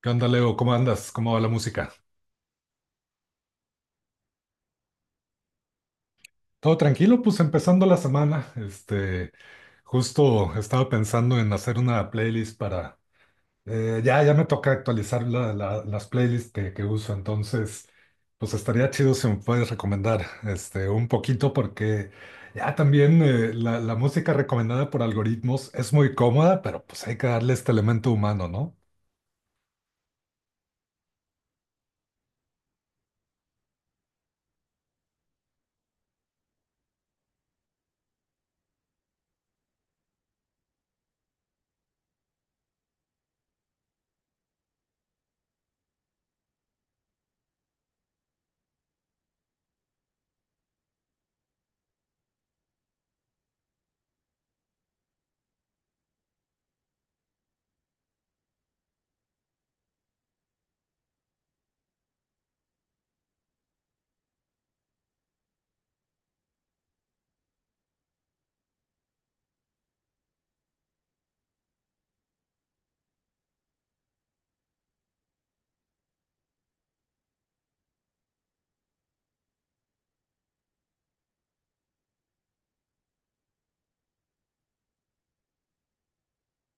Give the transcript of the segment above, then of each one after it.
¿Qué onda, Leo? ¿Cómo andas? ¿Cómo va la música? Todo tranquilo, pues empezando la semana. Este, justo estaba pensando en hacer una playlist para. Ya me toca actualizar las playlists que uso. Entonces, pues estaría chido si me puedes recomendar este, un poquito, porque ya también la música recomendada por algoritmos es muy cómoda, pero pues hay que darle este elemento humano, ¿no?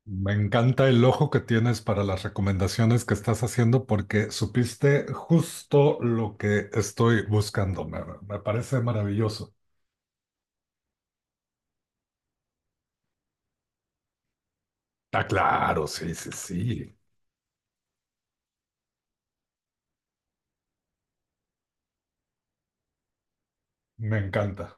Me encanta el ojo que tienes para las recomendaciones que estás haciendo porque supiste justo lo que estoy buscando. Me parece maravilloso. Está claro, sí, sí, sí. Me encanta.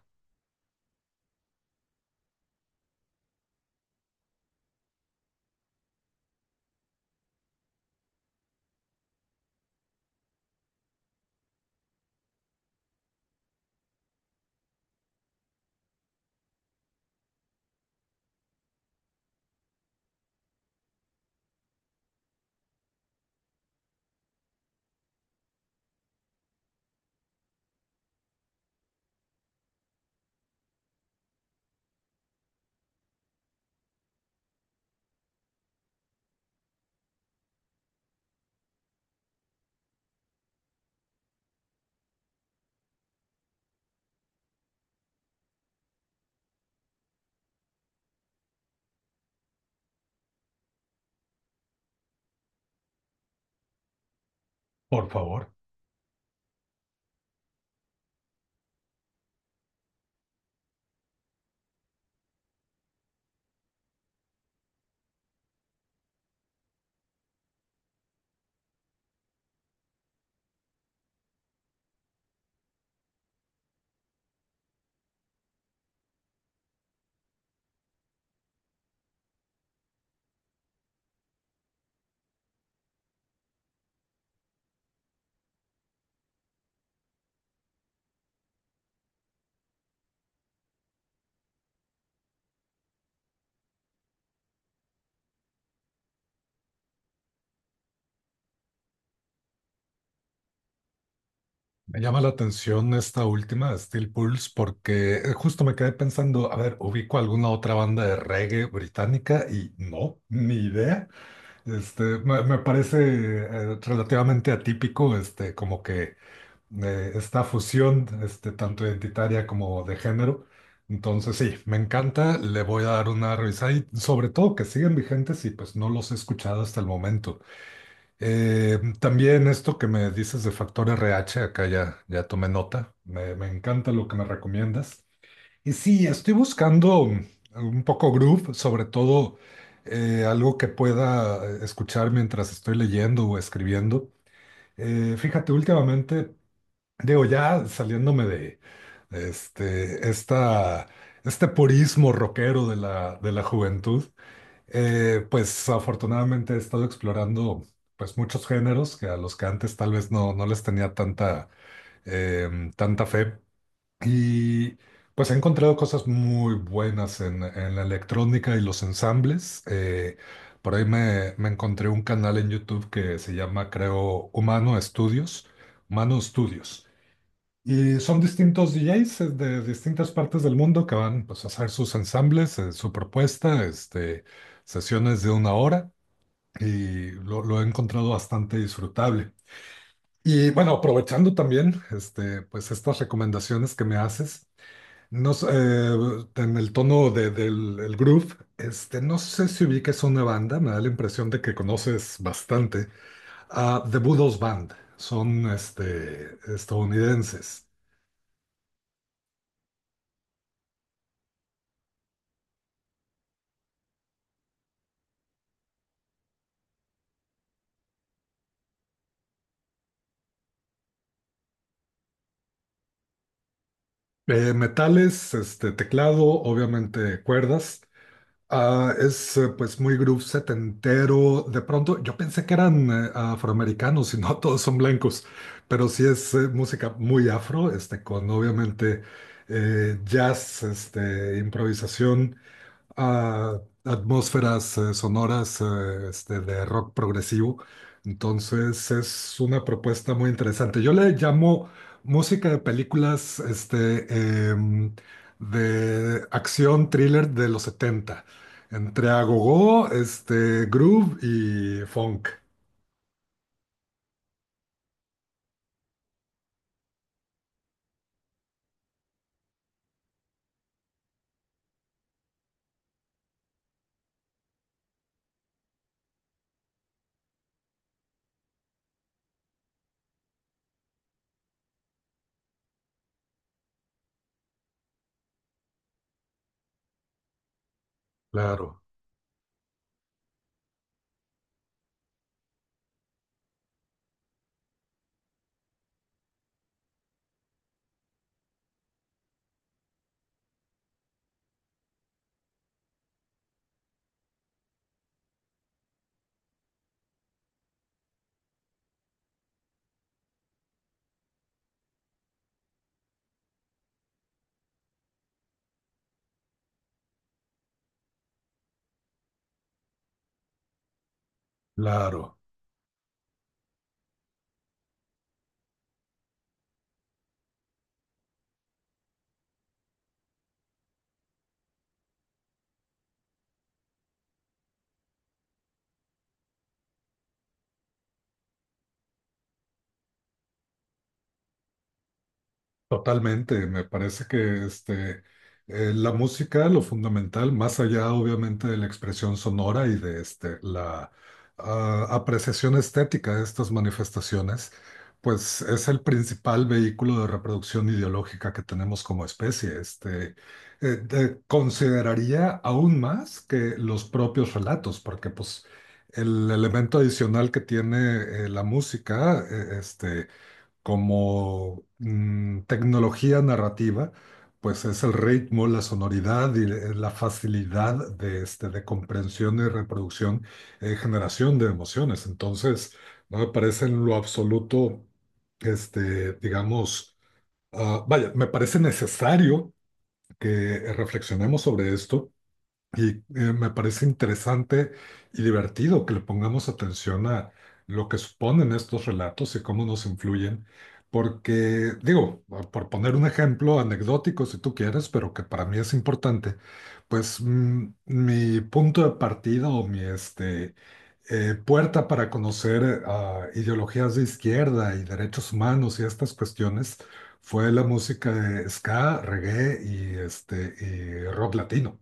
Por favor. Me llama la atención esta última, Steel Pulse, porque justo me quedé pensando, a ver, ubico alguna otra banda de reggae británica y no, ni idea. Este, me parece relativamente atípico, este, como que esta fusión, este, tanto identitaria como de género. Entonces, sí, me encanta, le voy a dar una revisada y sobre todo que siguen vigentes y pues no los he escuchado hasta el momento. También esto que me dices de Factor RH, acá ya tomé nota, me encanta lo que me recomiendas. Y sí, estoy buscando un poco groove, sobre todo algo que pueda escuchar mientras estoy leyendo o escribiendo. Fíjate, últimamente digo, ya saliéndome de de este, esta, este purismo rockero de de la juventud. Pues afortunadamente he estado explorando pues muchos géneros que a los que antes tal vez no les tenía tanta, tanta fe. Y pues he encontrado cosas muy buenas en la electrónica y los ensambles. Por ahí me encontré un canal en YouTube que se llama, creo, Humano Estudios. Humano Estudios. Y son distintos DJs de distintas partes del mundo que van, pues, a hacer sus ensambles, su propuesta, este, sesiones de una hora y lo he encontrado bastante disfrutable. Y bueno, aprovechando también este, pues, estas recomendaciones que me haces, no sé, en el tono del el groove, este, no sé si ubiques una banda, me da la impresión de que conoces bastante, a The Budos Band, son este, estadounidenses. Metales, este, teclado, obviamente cuerdas. Ah, es pues muy groove setentero. De pronto yo pensé que eran afroamericanos y no todos son blancos, pero sí es música muy afro, este, con obviamente jazz, este, improvisación a atmósferas sonoras este, de rock progresivo. Entonces es una propuesta muy interesante. Yo le llamo música de películas este, de acción thriller de los 70, entre agogó, este, groove y funk. Claro, claro. Totalmente, me parece que este, la música, lo fundamental, más allá obviamente de la expresión sonora y de este, la apreciación estética de estas manifestaciones, pues es el principal vehículo de reproducción ideológica que tenemos como especie. Este, consideraría aún más que los propios relatos, porque pues el elemento adicional que tiene la música, este, como mm, tecnología narrativa, pues es el ritmo, la sonoridad y la facilidad de, este, de comprensión y reproducción, generación de emociones. Entonces, no me parece en lo absoluto, este, digamos, vaya, me parece necesario que reflexionemos sobre esto y me parece interesante y divertido que le pongamos atención a lo que suponen estos relatos y cómo nos influyen, porque, digo, por poner un ejemplo anecdótico si tú quieres, pero que para mí es importante, pues mm, mi punto de partida o mi este, puerta para conocer a ideologías de izquierda y derechos humanos y estas cuestiones fue la música de ska, reggae y, este, y rock latino.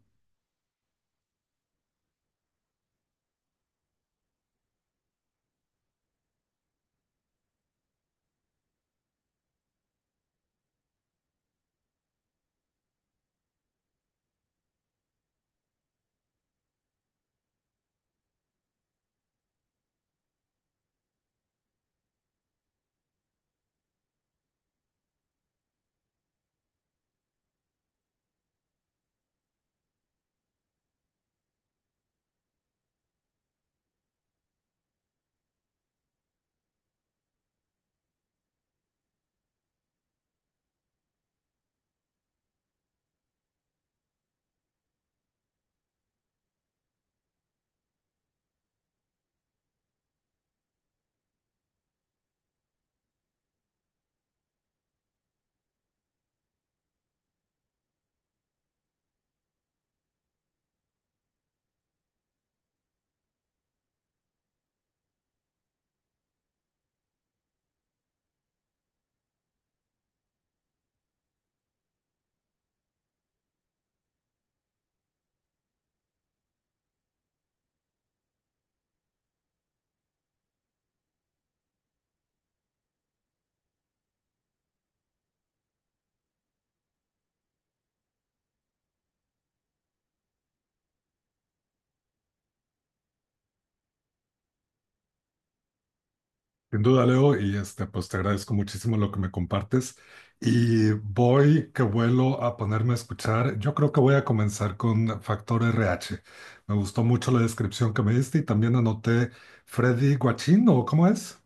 Sin duda, Leo, y este, pues te agradezco muchísimo lo que me compartes. Y voy que vuelo a ponerme a escuchar. Yo creo que voy a comenzar con Factor RH. Me gustó mucho la descripción que me diste y también anoté Freddy Guachín, ¿o cómo es?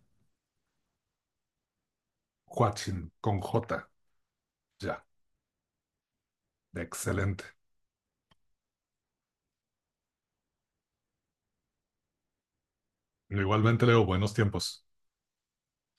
Guachín, con J. Ya, excelente. Igualmente, Leo, buenos tiempos.